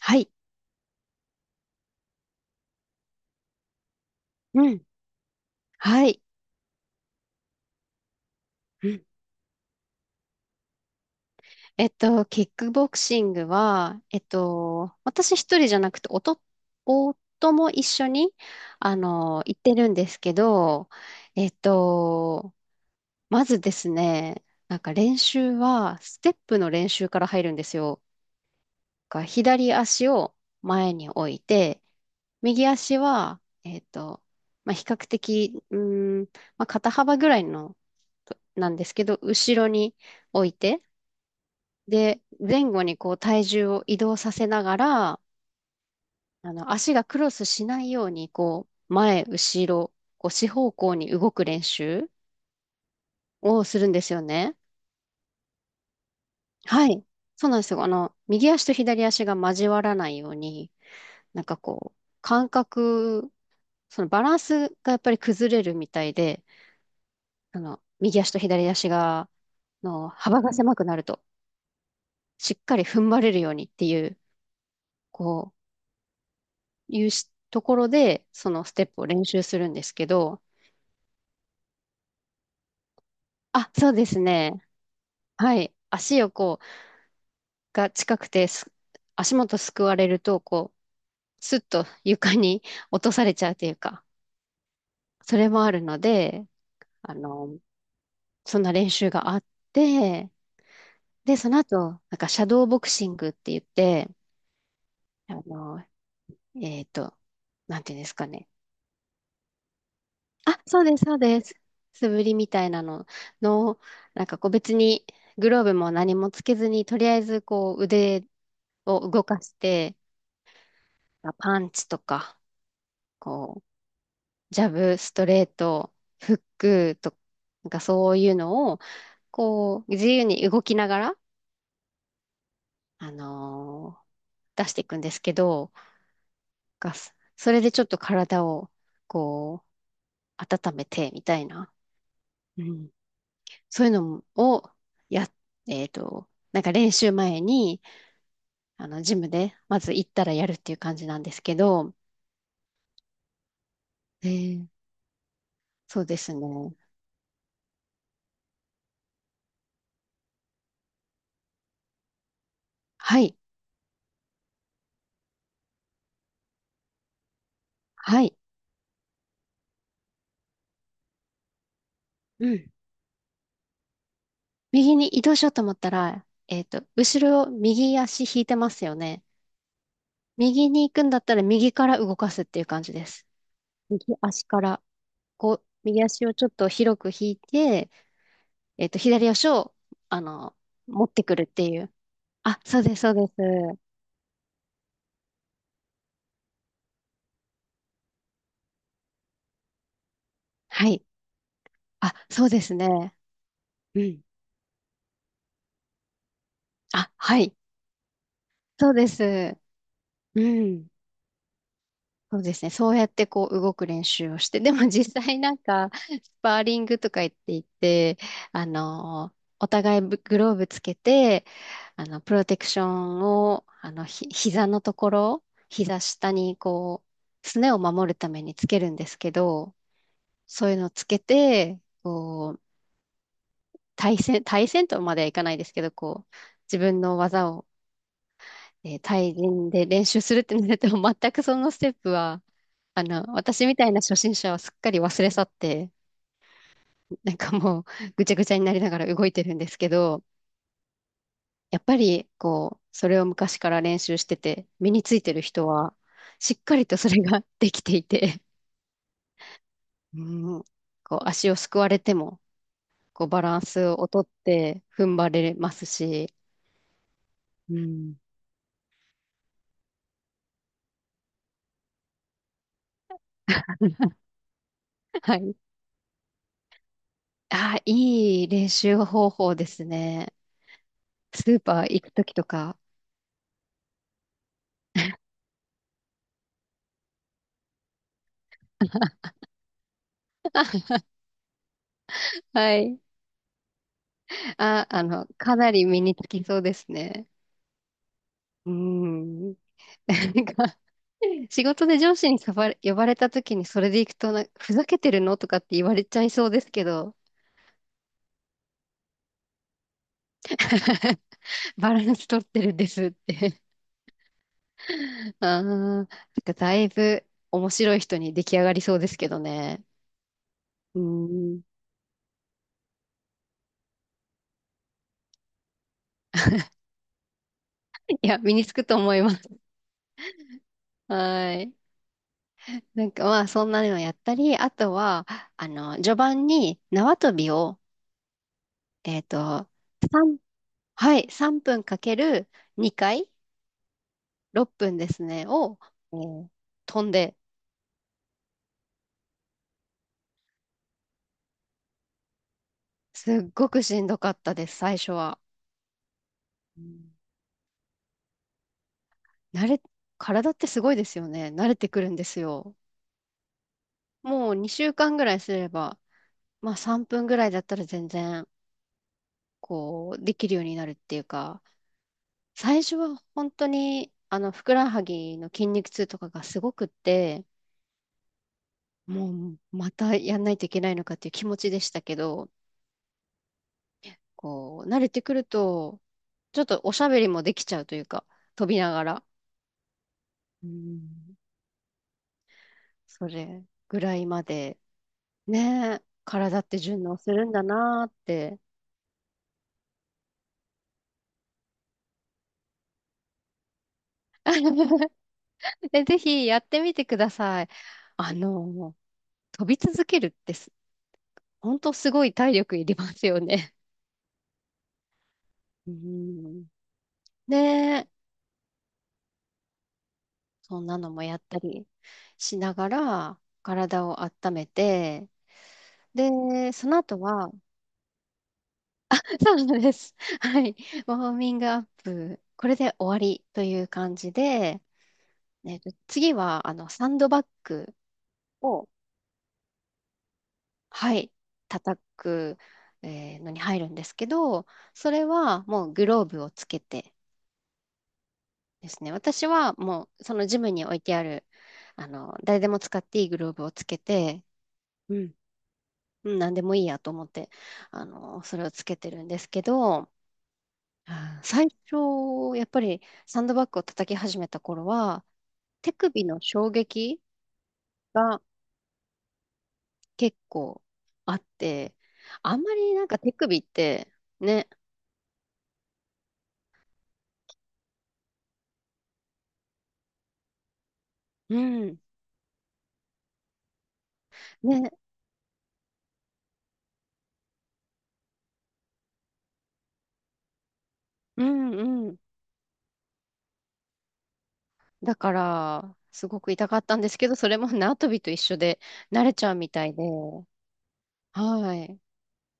はい。うん。はい。うん。キックボクシングは、私一人じゃなくて、夫も一緒に、行ってるんですけど、えっと、まずですね、なんか練習は、ステップの練習から入るんですよ。が左足を前に置いて、右足は、まあ、比較的、まあ、肩幅ぐらいの、なんですけど、後ろに置いて、で、前後にこう体重を移動させながら、足がクロスしないように、こう、前、後ろ、こう、四方向に動く練習をするんですよね。はい。そうなんですよ。あの、右足と左足が交わらないように、なんかこう、感覚、そのバランスがやっぱり崩れるみたいで、あの、右足と左足が、の、幅が狭くなると、しっかり踏ん張れるようにっていう、こう、いうしところで、そのステップを練習するんですけど、あ、そうですね。はい。足をこう、が近くてす、足元すくわれると、こう、スッと床に 落とされちゃうというか、それもあるので、あの、そんな練習があって、で、その後、なんか、シャドーボクシングって言って、あの、えっと、なんていうんですかね。あ、そうです、そうです。素振りみたいなのの、なんかこう別にグローブも何もつけずに、とりあえずこう腕を動かして、まあパンチとか、こう、ジャブ、ストレート、フックとか、なんかそういうのを、こう、自由に動きながら、あのー出していくんですけど、がそれでちょっと体を、こう、温めて、みたいな。うん、そういうのをや、なんか練習前に、ジムで、まず行ったらやるっていう感じなんですけど、えーそうですね。はい、はい、うん。右に移動しようと思ったら、後ろを右足引いてますよね。右に行くんだったら右から動かすっていう感じです。右足から、こう、右足をちょっと広く引いて、左足を、あの、持ってくるっていう。あ、そうです、そうです。はい。あ、そうですね。うん。あ、はい。そうです。うん。そうですね。そうやってこう動く練習をして、でも実際なんか、スパーリングとか言っていて、あの、お互いグローブつけて、プロテクションを、膝のところ、膝下にこう、すねを守るためにつけるんですけど、そういうのをつけて、こう、対戦、対戦とまではいかないですけど、こう、自分の技を対人で練習するってなると、全くそのステップは、私みたいな初心者はすっかり忘れ去って、なんかもうぐちゃぐちゃになりながら動いてるんですけど、やっぱり、こう、それを昔から練習してて、身についてる人は、しっかりとそれができていて、うん、こう、足をすくわれても、こう、バランスをとって、踏ん張れますし、うん、はい。ああ、いい練習方法ですね。スーパー行くときとか。はい。あ、あの、かなり身につきそうですね。うん。なんか、仕事で上司に呼ばれ、呼ばれた時にそれで行くとな、ふざけてるのとかって言われちゃいそうですけど、バランス取ってるんですって。ああ、なんかだいぶ面白い人に出来上がりそうですけどね。うん。いや、身につくと思います。はい。なんかまあ、そんなのやったり、あとは、序盤に縄跳びを、えっと、さんはい、3分かける2回、6分ですね、を、えー飛んで、すっごくしんどかったです、最初は。うん。慣れ、体ってすごいですよね。慣れてくるんですよ。もう2週間ぐらいすれば、まあ3分ぐらいだったら全然、こう、できるようになるっていうか、最初は本当に、ふくらはぎの筋肉痛とかがすごくって、もうまたやんないといけないのかっていう気持ちでしたけど、こう、慣れてくると、ちょっとおしゃべりもできちゃうというか、飛びながら。うん、それぐらいまで、ねえ、体って順応するんだなーって。ぜひやってみてください。あの、飛び続けるってす、本当すごい体力いりますよね。うん、ねえ、そんなのもやったりしながら、体を温めて、で、その後は、そうなんです。はい。ウォーミングアップ、これで終わりという感じで、次は、サンドバッグを、はい、叩く、のに入るんですけど、それはもうグローブをつけてですね、私はもう、そのジムに置いてある、誰でも使っていいグローブをつけて、うん、うん、何でもいいやと思って、それをつけてるんですけど、最初、やっぱりサンドバッグを叩き始めた頃は、手首の衝撃が結構あって、あんまりなんか手首って、ね、うん、ね、うん、うん。だから、すごく痛かったんですけど、それも縄跳びと一緒で慣れちゃうみたいで、はい。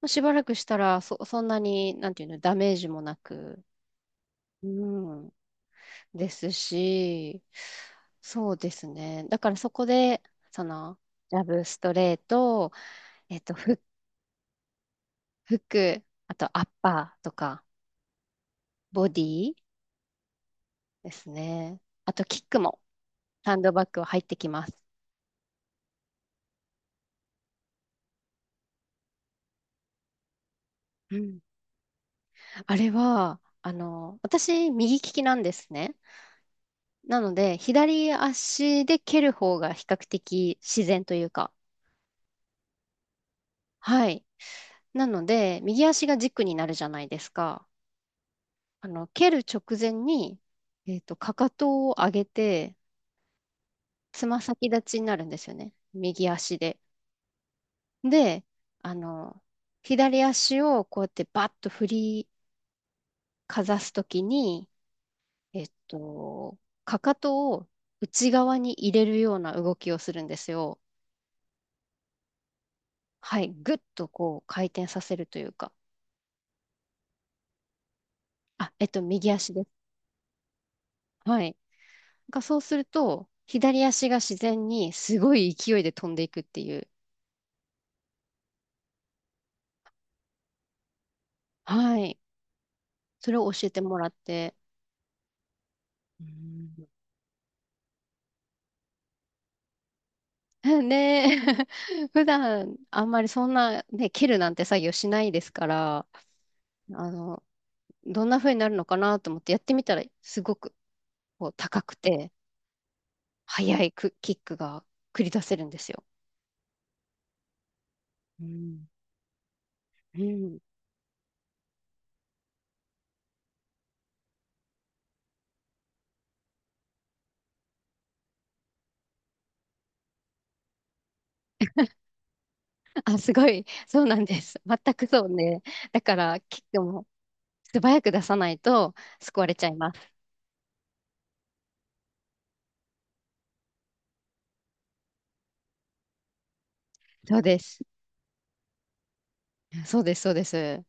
しばらくしたら、そんなに、なんていうの、ダメージもなく、うん、ですし、そうですね。だからそこで、その、ラブストレート、えっと、ふ服、あとアッパーとか、ボディですね。あと、キックも、ハンドバッグは入ってきます。うん。あれは、私、右利きなんですね。なので、左足で蹴る方が比較的自然というか、はい。なので、右足が軸になるじゃないですか。蹴る直前に、かかとを上げて、つま先立ちになるんですよね。右足で。で、あの、左足をこうやってバッと振りかざすときに、えっと、かかとを内側に入れるような動きをするんですよ。はい。ぐっとこう回転させるというか。右足です。はい。がそうすると、左足が自然にすごい勢いで飛んでいくっていう。はい。それを教えてもらって。うん ねえ 普段あんまりそんな、ね、切るなんて作業しないですから、あの、どんな風になるのかなと思ってやってみたら、すごくこう高くて、速いクキックが繰り出せるんですよ。うん、うん。あ、すごい。そうなんです。全くそうね。だから、キックも素早く出さないと救われちゃいます。そうです。そうです、そうです。